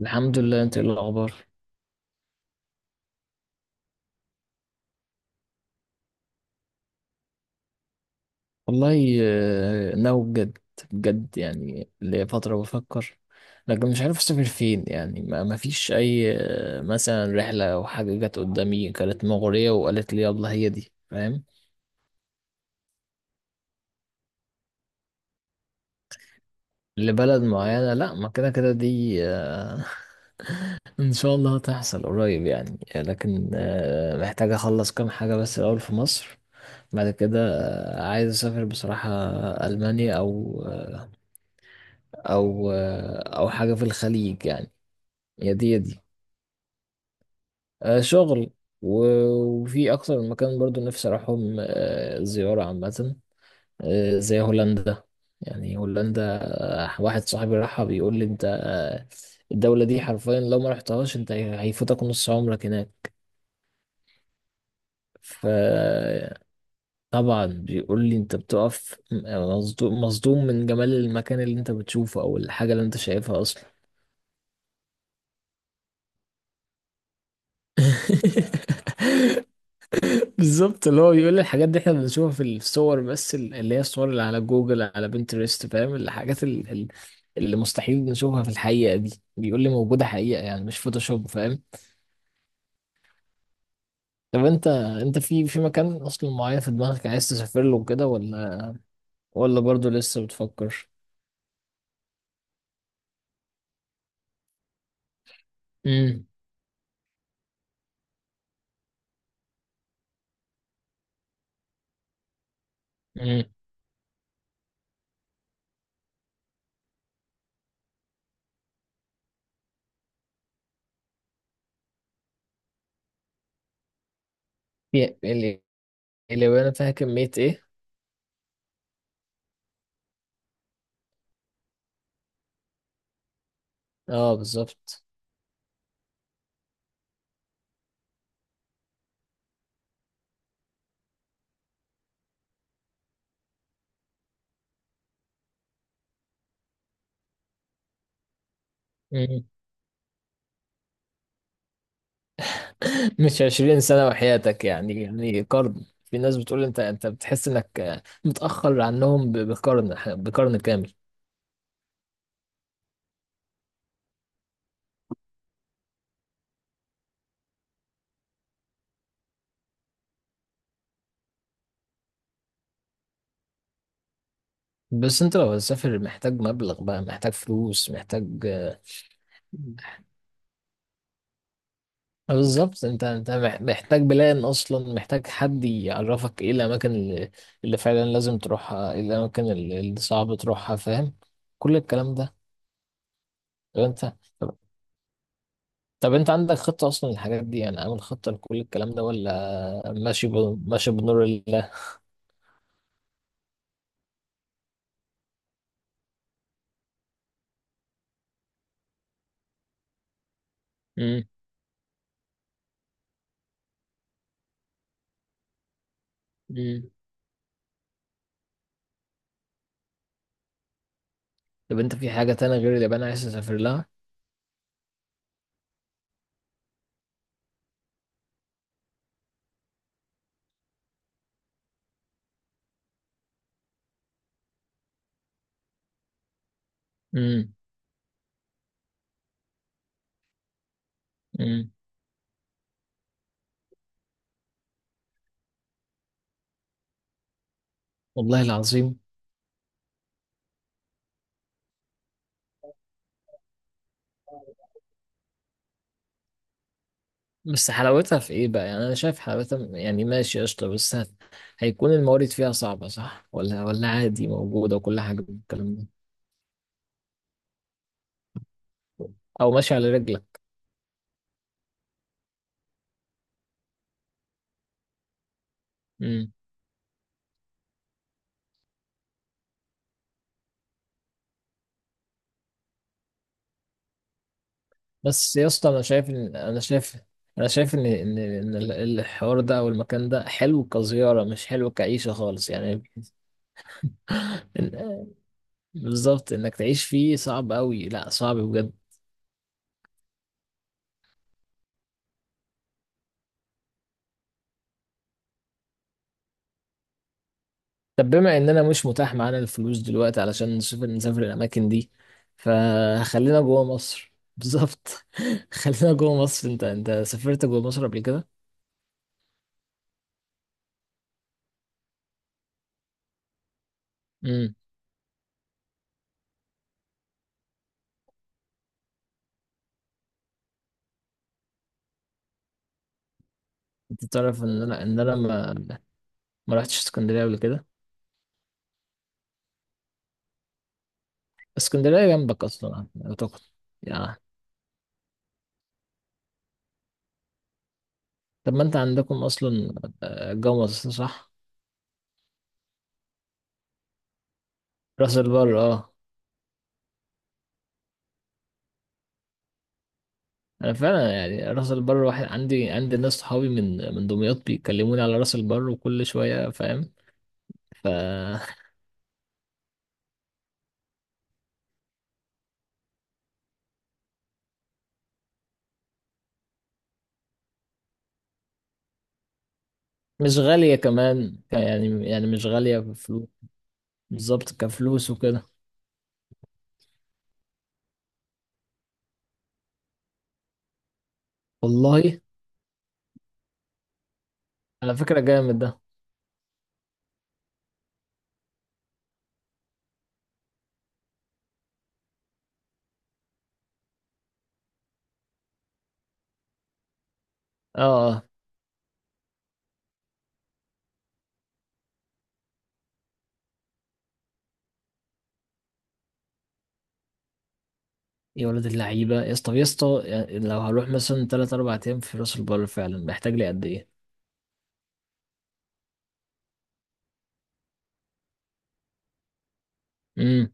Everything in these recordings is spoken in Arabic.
الحمد لله، انت ايه الاخبار؟ والله ناوي بجد. بجد يعني لفترة بفكر. لكن مش عارف اسافر فين، يعني ما فيش اي، مثلا رحلة او حاجة جت قدامي كانت مغرية وقالت لي يلا هي دي، فاهم؟ لبلد معينة، لا ما كده كده دي. ان شاء الله هتحصل قريب يعني، لكن محتاج اخلص كام حاجة بس الاول في مصر. بعد كده. عايز اسافر بصراحة. المانيا او او او حاجه في الخليج يعني. يا دي يا دي. شغل. وفي اكتر من مكان برضو نفسي اروحهم، زياره عامه. زي هولندا. يعني هولندا. واحد صاحبي راحها بيقول لي انت، الدوله دي حرفيا لو ما رحتهاش انت هيفوتك نص عمرك هناك. فطبعا. بيقول لي انت بتقف مصدوم مصدوم من جمال المكان اللي انت بتشوفه او الحاجه اللي انت شايفها اصلا. بالظبط. اللي هو بيقول لي الحاجات دي احنا بنشوفها في الصور، بس اللي هي الصور اللي على جوجل، على بنترست، فاهم؟ الحاجات اللي مستحيل نشوفها في الحقيقة دي، بيقول لي موجودة حقيقة، يعني مش فوتوشوب، فاهم؟ طب انت في مكان اصلا معين في دماغك عايز تسافر له كده، ولا برضه لسه بتفكر؟ امم. امم. ال- اليابان فيها كمية ايه؟ اه بالظبط. مش 20 سنة وحياتك، يعني قرن. في ناس بتقول انت بتحس انك متأخر عنهم بقرن. بقرن كامل. بس انت لو هتسافر محتاج مبلغ بقى، محتاج فلوس، محتاج. بالظبط، انت محتاج بلان اصلا، محتاج حد يعرفك ايه الاماكن اللي فعلا لازم تروحها، ايه الاماكن اللي صعب تروحها، فاهم؟ كل الكلام ده. طب انت طب, طب انت عندك خطة اصلا للحاجات دي، يعني عامل خطة لكل الكلام ده، ولا ماشي ماشي بنور الله؟ امم. امم. طب انت في حاجة تانية غير اليابان عايز تسافر لها؟ امم. امم. والله العظيم. بس حلاوتها في ايه بقى؟ يعني انا شايف حلاوتها، يعني ماشي قشطة، بس هيكون الموارد فيها صعبة، صح؟ ولا عادي موجودة وكل حاجة بالكلام ده؟ او ماشي على رجلك. امم. بس يا اسطى، انا شايف ان الحوار ده او المكان ده حلو كزيارة، مش حلو كعيشة خالص يعني. إن- بالظبط انك تعيش فيه صعب قوي، لا صعب بجد. طب بما اننا مش متاح معانا الفلوس دلوقتي علشان نسافر الاماكن دي، فخلينا جوه مصر. بالظبط. خلينا جوه مصر. انت سافرت جوه مصر قبل كده؟ امم. انت تعرف ان انا ما رحتش اسكندريه قبل كده. اسكندريه جنبك اصلا اعتقد، يعني. طب ما انت عندكم اصلا، جوه مصر، صح؟ راس البر، اه. انا فعلا يعني، راس البر، واحد عندي ناس صحابي من دمياط بيكلموني على راس البر وكل شويه، فاهم؟ ف مش غالية كمان، يعني مش غالية بفلوس. بالظبط، كفلوس وكده. والله، على فكرة جامد ده. اه اه. يا ولد اللعيبة يا اسطى، طب يا اسطى، يعني لو هروح مثلا تلات أربع أيام في راس البر، فعلا محتاج لي قد إيه؟ امم.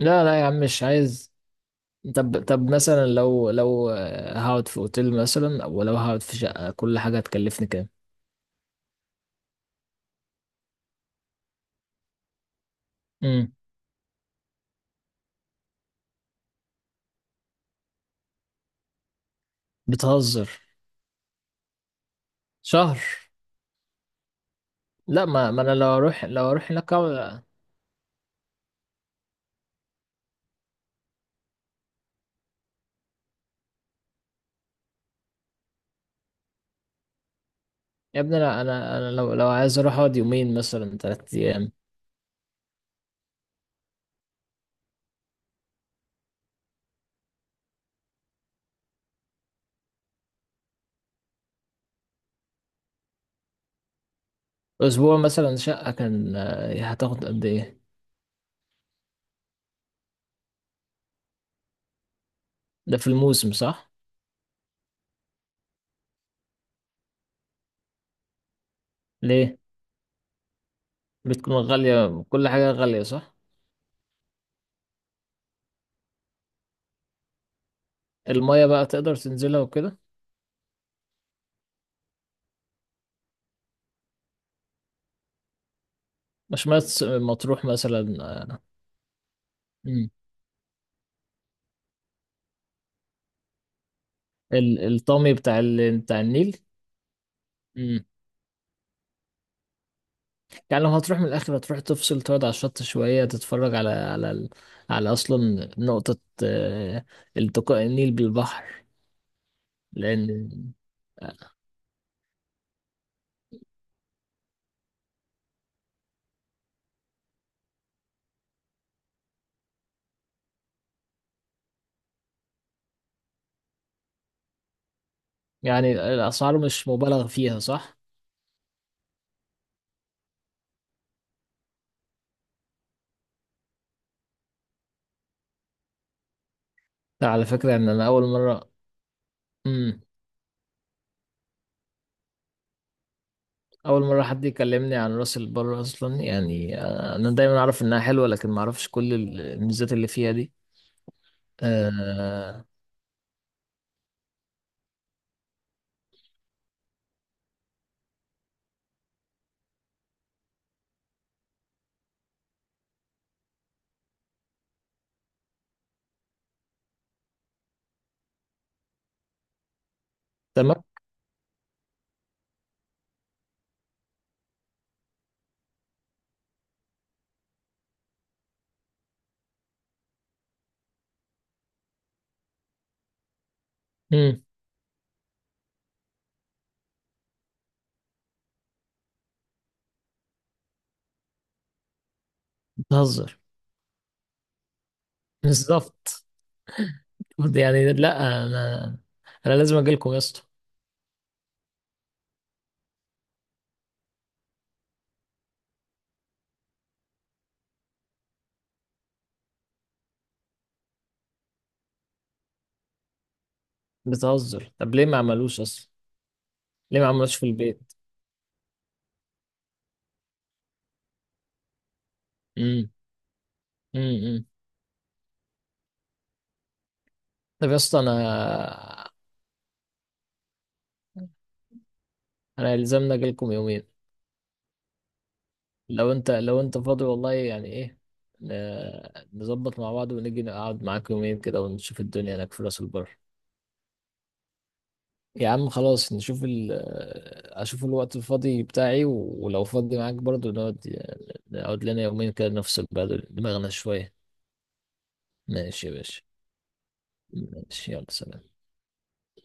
لا لا يا عم مش عايز. طب مثلا لو هقعد في أوتيل مثلا، أو لو هقعد في شقة، كل حاجة هتكلفني كام؟ امم. بتهزر؟ شهر؟ لا، ما أنا لو أروح هناك. يا ابني، انا لو عايز اروح اقعد يومين مثلا، ثلاث ايام. اسبوع مثلا، شقه كان هتاخد قد ايه؟ ده في الموسم، صح؟ ليه؟ بتكون غاليه، كل حاجه غاليه، صح؟ الميه بقى تقدر تنزلها وكده؟ مش مية مطروح مثلا؟ مم. الطامي بتاع بتاع النيل. مم. يعني لو هتروح من الاخر، هتروح تفصل، تقعد على الشط شويه تتفرج على على اصلا نقطه، آه، التقاء النيل بالبحر. لان. يعني الأسعار مش مبالغ فيها، صح؟ لا على فكرة إن أنا أول مرة. مم. أول مرة حد يكلمني عن راس البر أصلا يعني، أنا دايما أعرف إنها حلوة، لكن ما أعرفش كل الميزات اللي فيها دي. آه... تمام؟ مم. بتهزر؟ بالظبط. يعني لا، أنا أنا لازم أجيلكم يا اسطى. بتهزر؟ طب ليه ما عملوش أصلا؟ ليه ما عملوش في البيت؟ مم. مم. مم. طب يا اسطى، أنا. أنا يلزمنا أجيلكم يومين. لو انت فاضي والله، يعني ايه، ن- نظبط مع بعض ونيجي نقعد معاك يومين كده ونشوف الدنيا هناك في راس البر. يا عم خلاص نشوف اشوف الوقت الفاضي بتاعي، ولو فاضي معاك برضو نقعد، نقعد لنا يومين كده نفصل بعد دماغنا شوية. ماشي يا باشا. ماشي، يلا سلام.